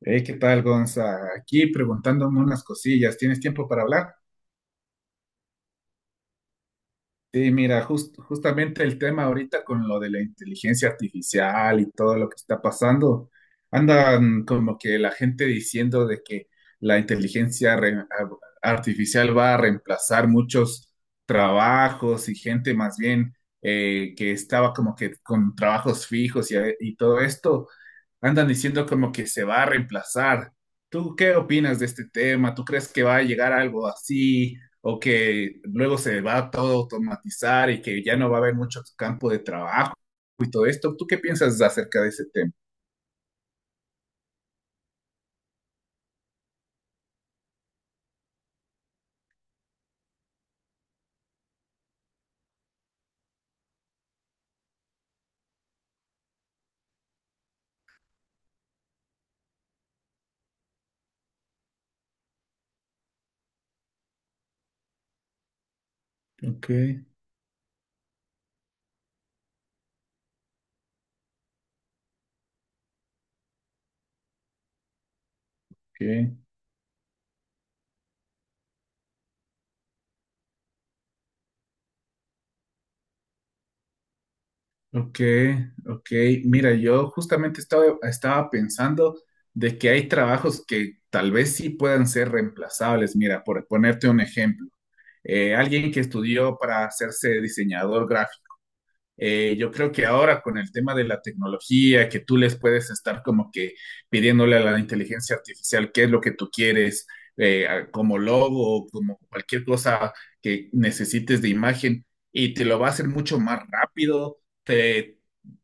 Hey, ¿qué tal, Gonza? Aquí preguntándome unas cosillas. ¿Tienes tiempo para hablar? Sí, mira, justamente el tema ahorita con lo de la inteligencia artificial y todo lo que está pasando, andan como que la gente diciendo de que la artificial va a reemplazar muchos trabajos y gente más bien que estaba como que con trabajos fijos y todo esto, andan diciendo como que se va a reemplazar. ¿Tú qué opinas de este tema? ¿Tú crees que va a llegar algo así, o que luego se va todo a automatizar y que ya no va a haber mucho campo de trabajo y todo esto? ¿Tú qué piensas acerca de ese tema? Ok, ok, ok, ok. Mira, yo justamente estaba pensando de que hay trabajos que tal vez sí puedan ser reemplazables. Mira, por ponerte un ejemplo, alguien que estudió para hacerse diseñador gráfico. Yo creo que ahora con el tema de la tecnología, que tú les puedes estar como que pidiéndole a la inteligencia artificial qué es lo que tú quieres, como logo o como cualquier cosa que necesites de imagen, y te lo va a hacer mucho más rápido, te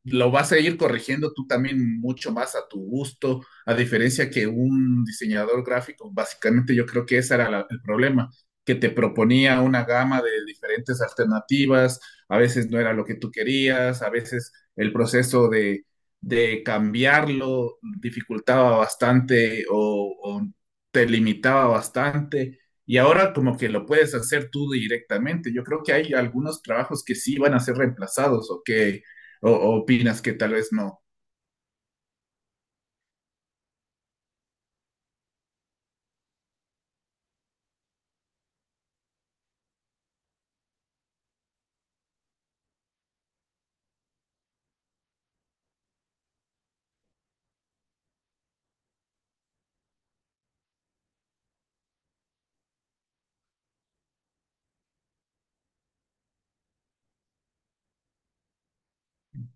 lo vas a ir corrigiendo tú también mucho más a tu gusto, a diferencia que un diseñador gráfico, básicamente yo creo que ese era el problema, que te proponía una gama de diferentes alternativas, a veces no era lo que tú querías, a veces el proceso de cambiarlo dificultaba bastante o te limitaba bastante. Y ahora como que lo puedes hacer tú directamente. Yo creo que hay algunos trabajos que sí van a ser reemplazados o opinas que tal vez no.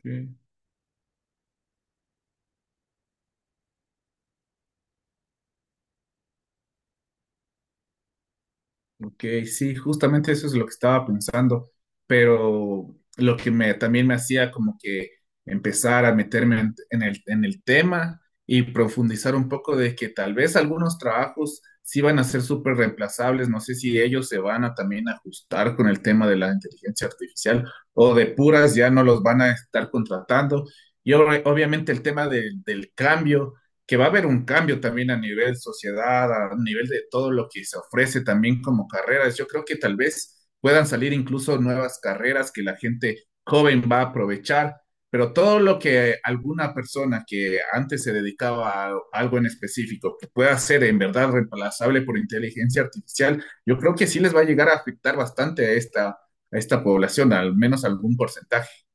Sí. Ok, sí, justamente eso es lo que estaba pensando, pero lo también me hacía como que empezar a meterme en el tema y profundizar un poco de que tal vez algunos trabajos sí van a ser súper reemplazables, no sé si ellos se van a también ajustar con el tema de la inteligencia artificial o de puras ya no los van a estar contratando. Y obviamente el tema del cambio, que va a haber un cambio también a nivel sociedad, a nivel de todo lo que se ofrece también como carreras. Yo creo que tal vez puedan salir incluso nuevas carreras que la gente joven va a aprovechar, pero todo lo que alguna persona que antes se dedicaba a algo en específico que pueda ser en verdad reemplazable por inteligencia artificial, yo creo que sí les va a llegar a afectar bastante a a esta población, al menos algún porcentaje.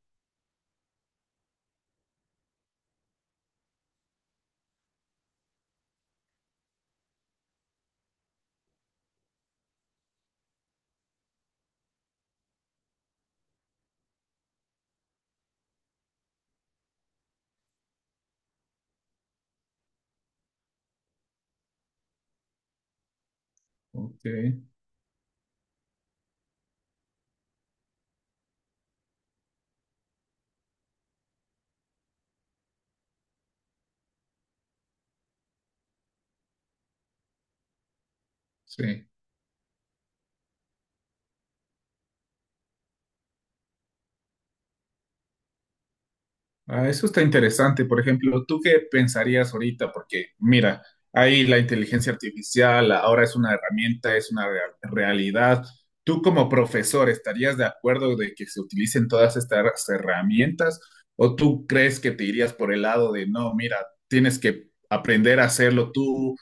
Ok, sí. Ah, eso está interesante. Por ejemplo, ¿tú qué pensarías ahorita? Porque mira, ahí la inteligencia artificial ahora es una herramienta, es una realidad. ¿Tú como profesor estarías de acuerdo de que se utilicen todas estas herramientas? ¿O tú crees que te irías por el lado de, no, mira, tienes que aprender a hacerlo tú,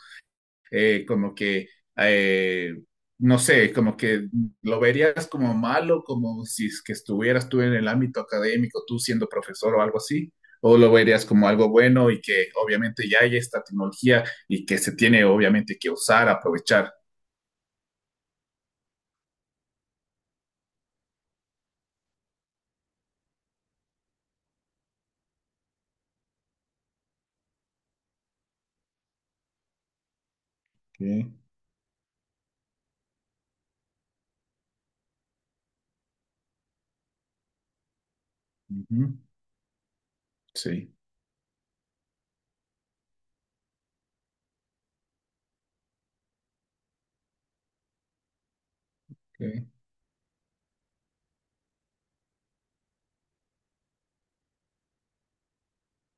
eh, como que, eh, no sé, como que lo verías como malo, como si es que estuvieras tú en el ámbito académico, tú siendo profesor o algo así, o lo verías como algo bueno y que obviamente ya hay esta tecnología y que se tiene obviamente que usar, aprovechar? Ok, ujú, sí, ok,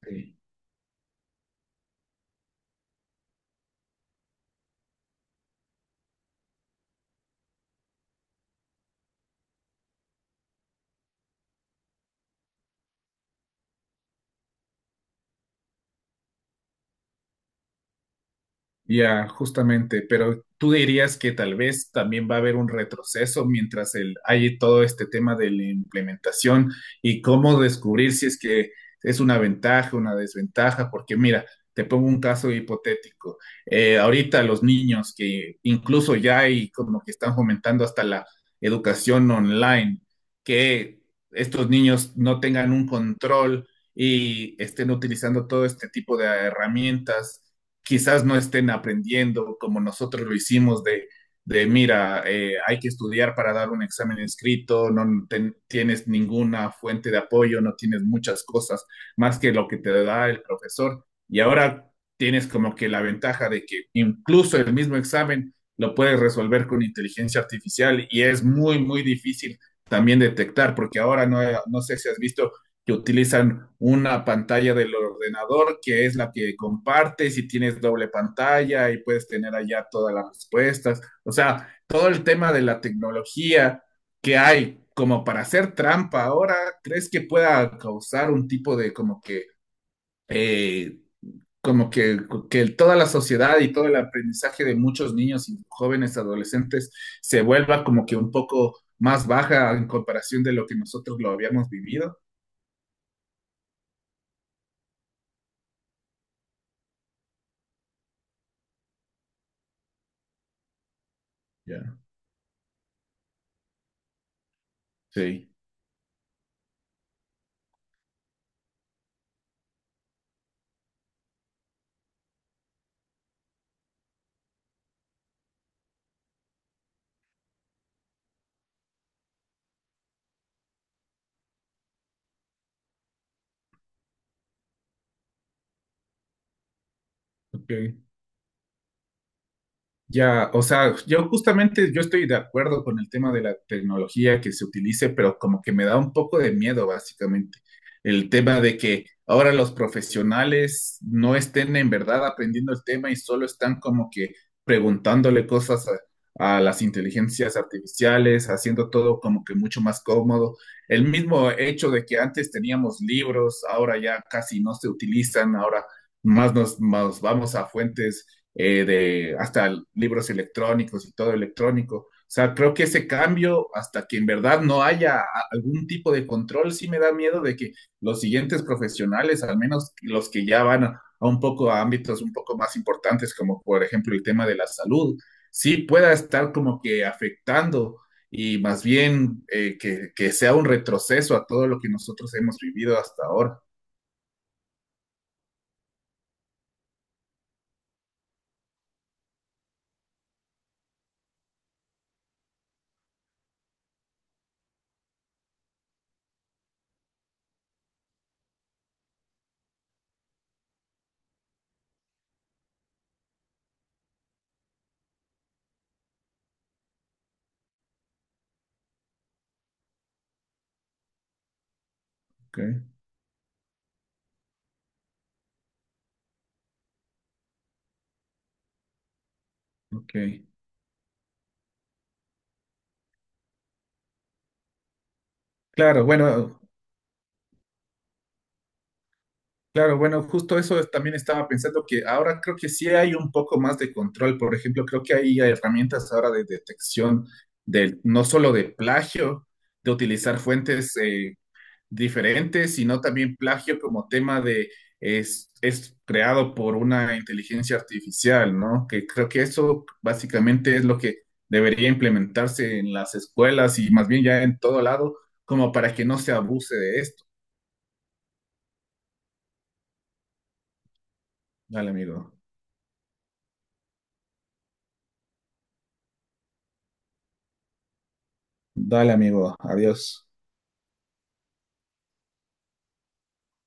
ok. Ya, justamente, pero tú dirías que tal vez también va a haber un retroceso mientras hay todo este tema de la implementación y cómo descubrir si es que es una ventaja, una desventaja, porque mira, te pongo un caso hipotético. Ahorita los niños que incluso ya hay como que están fomentando hasta la educación online, que estos niños no tengan un control y estén utilizando todo este tipo de herramientas, quizás no estén aprendiendo como nosotros lo hicimos de mira, hay que estudiar para dar un examen escrito, no tienes ninguna fuente de apoyo, no tienes muchas cosas más que lo que te da el profesor. Y ahora tienes como que la ventaja de que incluso el mismo examen lo puedes resolver con inteligencia artificial y es muy, muy difícil también detectar, porque ahora no sé si has visto que utilizan una pantalla del ordenador, que es la que compartes y tienes doble pantalla y puedes tener allá todas las respuestas. O sea, todo el tema de la tecnología que hay como para hacer trampa ahora, ¿crees que pueda causar un tipo de como que... Eh, como que, toda la sociedad y todo el aprendizaje de muchos niños y jóvenes adolescentes se vuelva como que un poco más baja en comparación de lo que nosotros lo habíamos vivido? Yeah. Sí. Ok. Ya, o sea, yo justamente yo estoy de acuerdo con el tema de la tecnología que se utilice, pero como que me da un poco de miedo, básicamente. El tema de que ahora los profesionales no estén en verdad aprendiendo el tema y solo están como que preguntándole cosas a las inteligencias artificiales, haciendo todo como que mucho más cómodo. El mismo hecho de que antes teníamos libros, ahora ya casi no se utilizan, ahora más nos vamos a fuentes de hasta libros electrónicos y todo electrónico. O sea, creo que ese cambio, hasta que en verdad no haya algún tipo de control, sí me da miedo de que los siguientes profesionales, al menos los que ya van a un poco a ámbitos un poco más importantes, como por ejemplo el tema de la salud, sí pueda estar como que afectando y más bien que sea un retroceso a todo lo que nosotros hemos vivido hasta ahora. Ok, ok. Claro, bueno. Claro, bueno, justo eso también estaba pensando que ahora creo que sí hay un poco más de control. Por ejemplo, creo que hay herramientas ahora de detección del no solo de plagio, de utilizar fuentes diferentes, sino también plagio como tema de es creado por una inteligencia artificial, ¿no? Que creo que eso básicamente es lo que debería implementarse en las escuelas y más bien ya en todo lado, como para que no se abuse de esto. Dale, amigo. Dale, amigo. Adiós.